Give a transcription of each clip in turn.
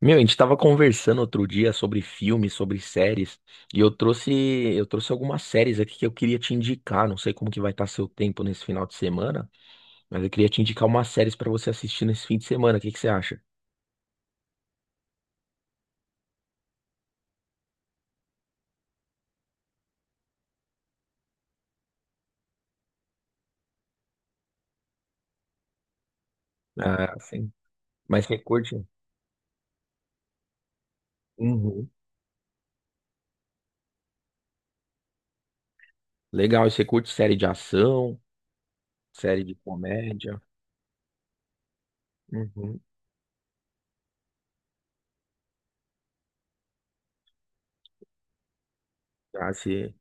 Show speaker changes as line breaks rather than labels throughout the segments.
Meu, a gente tava conversando outro dia sobre filmes, sobre séries, e eu trouxe algumas séries aqui que eu queria te indicar. Não sei como que vai estar seu tempo nesse final de semana, mas eu queria te indicar umas séries pra você assistir nesse fim de semana. O que que você acha? Ah, sim. Mas você curte? Uhum. Legal, e você curte série de ação, série de comédia? Uhum. Ah, se...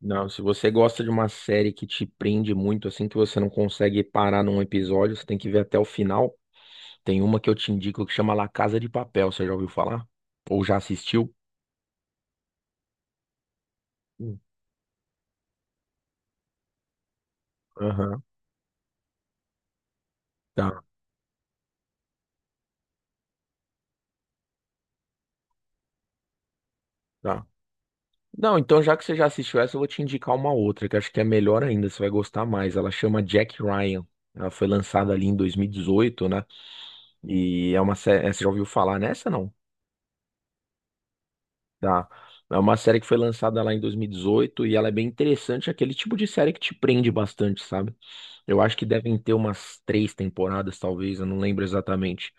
Não, se você gosta de uma série que te prende muito, assim, que você não consegue parar num episódio, você tem que ver até o final. Tem uma que eu te indico que chama La Casa de Papel, você já ouviu falar? Ou já assistiu? Hum. Aham. Tá, tá. Não, então já que você já assistiu essa, eu vou te indicar uma outra, que acho que é melhor ainda, você vai gostar mais. Ela chama Jack Ryan. Ela foi lançada ali em 2018, né? E é uma série. Você já ouviu falar nessa, não? Tá. É uma série que foi lançada lá em 2018 e dezoito e ela é bem interessante, é aquele tipo de série que te prende bastante, sabe? Eu acho que devem ter umas três temporadas, talvez, eu não lembro exatamente.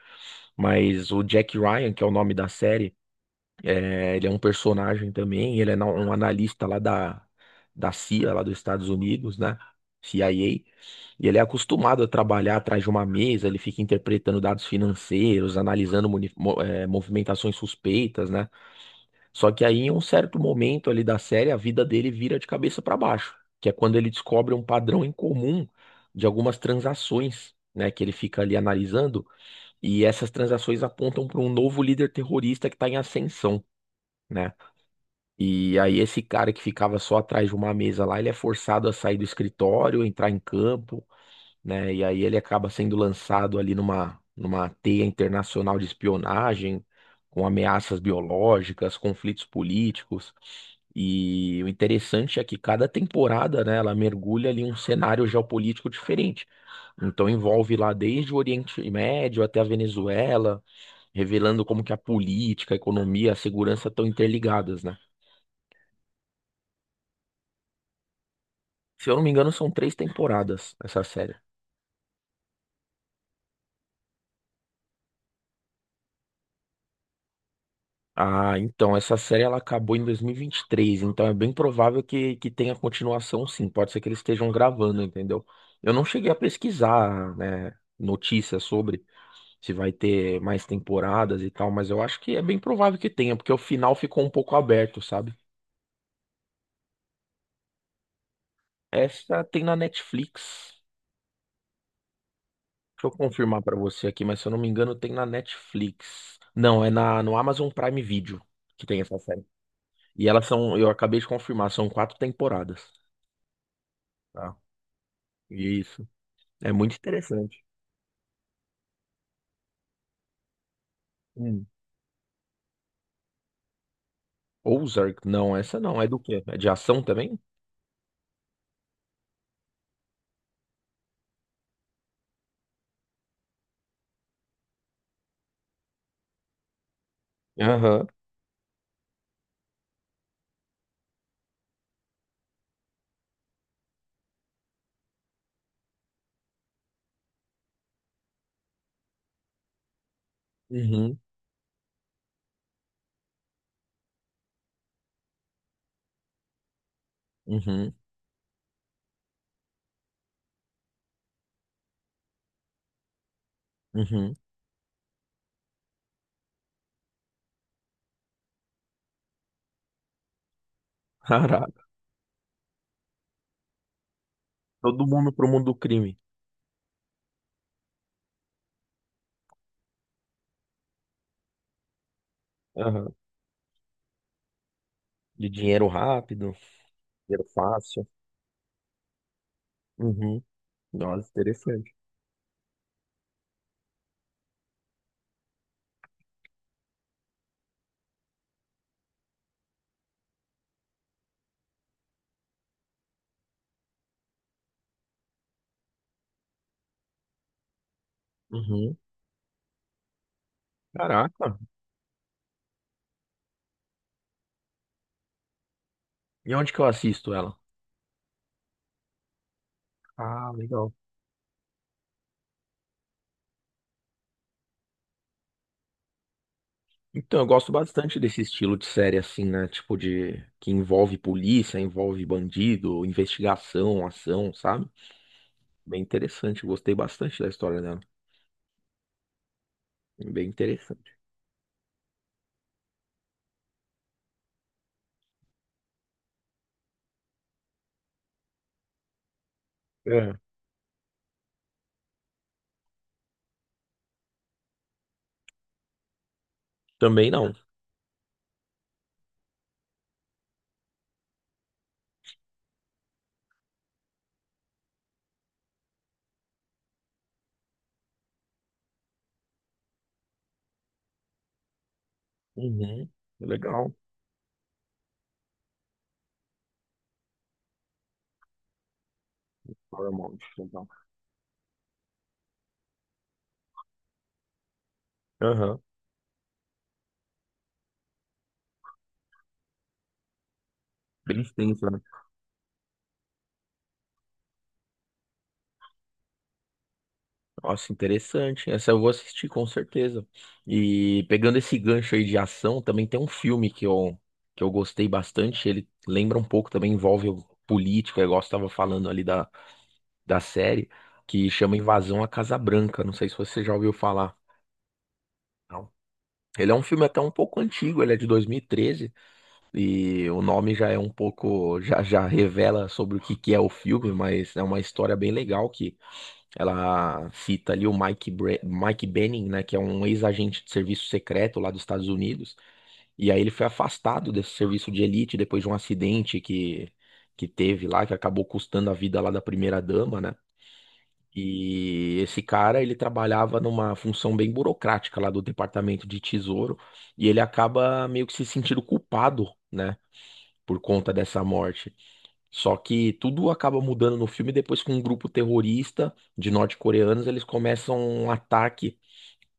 Mas o Jack Ryan, que é o nome da série, ele é um personagem também, ele é um analista lá da CIA, lá dos Estados Unidos, né? CIA. E ele é acostumado a trabalhar atrás de uma mesa, ele fica interpretando dados financeiros, analisando movimentações suspeitas, né? Só que aí, em um certo momento ali da série, a vida dele vira de cabeça para baixo, que é quando ele descobre um padrão em comum de algumas transações, né, que ele fica ali analisando, e essas transações apontam para um novo líder terrorista que está em ascensão, né? E aí esse cara que ficava só atrás de uma mesa lá, ele é forçado a sair do escritório, entrar em campo, né? E aí ele acaba sendo lançado ali numa teia internacional de espionagem, com ameaças biológicas, conflitos políticos. E o interessante é que cada temporada, né, ela mergulha ali em um cenário geopolítico diferente. Então envolve lá desde o Oriente Médio até a Venezuela, revelando como que a política, a economia, a segurança estão interligadas, né? Se eu não me engano, são três temporadas essa série. Ah, então, essa série ela acabou em dois mil e vinte e três. Então é bem provável que tenha continuação, sim. Pode ser que eles estejam gravando, entendeu? Eu não cheguei a pesquisar, né, notícias sobre se vai ter mais temporadas e tal, mas eu acho que é bem provável que tenha, porque o final ficou um pouco aberto, sabe? Essa tem na Netflix. Deixa eu confirmar pra você aqui, mas se eu não me engano, tem na Netflix. Não, é no Amazon Prime Video que tem essa série. E elas são, eu acabei de confirmar, são quatro temporadas. Tá? Isso. É muito interessante. Hum. Ozark, não, essa não. É do quê? É de ação também? Aham. Uhum. Uhum. Uhum. Caraca. Todo mundo pro mundo do crime. Aham. De dinheiro rápido, dinheiro fácil. Uhum. Nossa, interessante. Uhum. Caraca. E onde que eu assisto ela? Ah, legal. Então, eu gosto bastante desse estilo de série assim, né? Tipo de que envolve polícia, envolve bandido, investigação, ação, sabe? Bem interessante. Eu gostei bastante da história dela. Bem interessante. É. Também não. Uhum. Legal. Paramount, então. Aham. Bem extenso, né? Nossa, interessante. Essa eu vou assistir com certeza. E pegando esse gancho aí de ação, também tem um filme que eu gostei bastante. Ele lembra um pouco, também envolve o político, é igual você estava falando ali da série, que chama Invasão à Casa Branca. Não sei se você já ouviu falar. Não. Ele é um filme até um pouco antigo, ele é de 2013. E o nome já é um pouco, já revela sobre o que que é o filme, mas é uma história bem legal que ela cita ali o Mike Benning, né, que é um ex-agente de serviço secreto lá dos Estados Unidos, e aí ele foi afastado desse serviço de elite depois de um acidente que teve lá, que acabou custando a vida lá da primeira-dama, né? E esse cara, ele trabalhava numa função bem burocrática lá do Departamento de Tesouro, e ele acaba meio que se sentindo culpado, né, por conta dessa morte. Só que tudo acaba mudando no filme depois que um grupo terrorista de norte-coreanos eles começam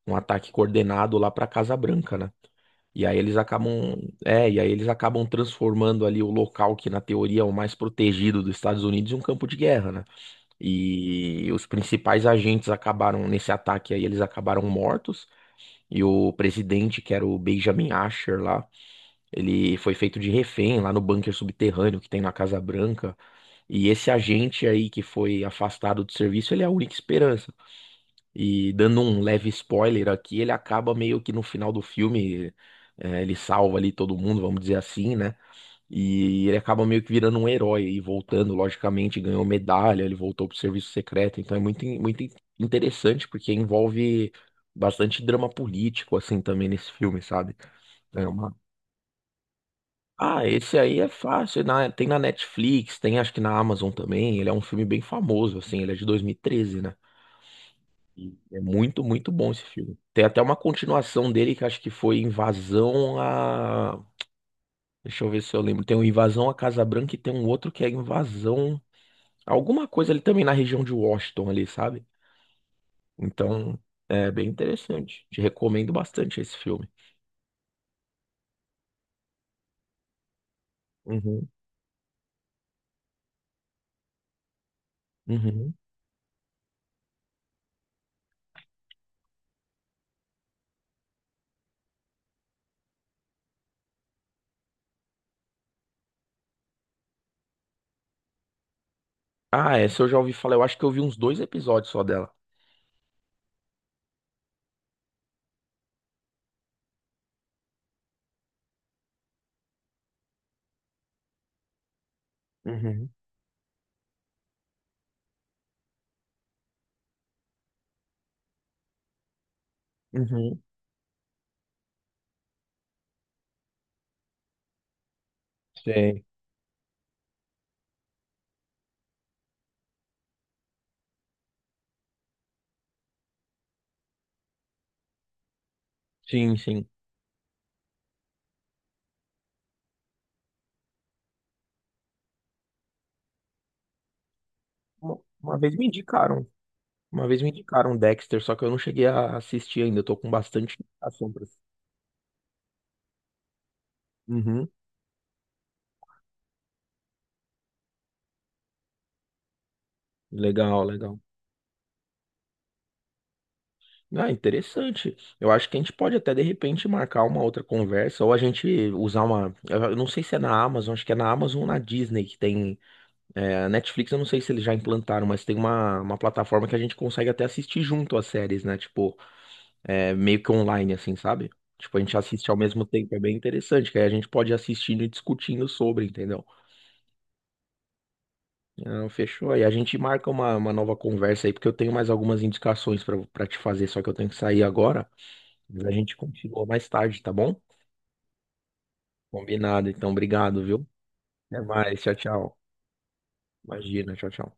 um ataque coordenado lá para Casa Branca, né? E aí eles acabam transformando ali o local que na teoria é o mais protegido dos Estados Unidos em um campo de guerra, né? E os principais agentes acabaram nesse ataque aí, eles acabaram mortos. E o presidente, que era o Benjamin Asher lá, ele foi feito de refém lá no bunker subterrâneo que tem na Casa Branca. E esse agente aí que foi afastado do serviço, ele é a única esperança. E dando um leve spoiler aqui, ele acaba meio que no final do filme, ele salva ali todo mundo, vamos dizer assim, né? E ele acaba meio que virando um herói e voltando, logicamente, ganhou medalha, ele voltou pro serviço secreto. Então é muito interessante porque envolve bastante drama político, assim, também nesse filme, sabe? É uma esse aí é fácil. Tem na Netflix, tem acho que na Amazon também. Ele é um filme bem famoso, assim. Ele é de 2013, né? E é muito, muito bom esse filme. Tem até uma continuação dele que acho que foi Invasão a. Deixa eu ver se eu lembro. Tem o Invasão a Casa Branca e tem um outro que é Invasão. Alguma coisa ali também na região de Washington ali, sabe? Então, é bem interessante. Te recomendo bastante esse filme. Uhum, uhum. Ah, essa eu já ouvi falar. Eu acho que eu vi uns dois episódios só dela. Uhum, uhum. Sim, sim, sim. Uma vez me indicaram, uma vez me indicaram Dexter, só que eu não cheguei a assistir ainda, eu tô com bastante indicação pra assistir. Uhum, legal, legal. Ah, interessante. Eu acho que a gente pode até de repente marcar uma outra conversa, ou a gente usar uma. Eu não sei se é na Amazon, acho que é na Amazon ou na Disney que tem. É, a Netflix, eu não sei se eles já implantaram, mas tem uma plataforma que a gente consegue até assistir junto as séries, né? Tipo, meio que online, assim, sabe? Tipo, a gente assiste ao mesmo tempo, é bem interessante, que aí a gente pode ir assistindo e discutindo sobre, entendeu? Não, fechou. Aí a gente marca uma nova conversa aí, porque eu tenho mais algumas indicações pra para te fazer, só que eu tenho que sair agora. Mas a gente continua mais tarde, tá bom? Combinado, então, obrigado, viu? Até mais, tchau, tchau. Imagina, tchau, tchau.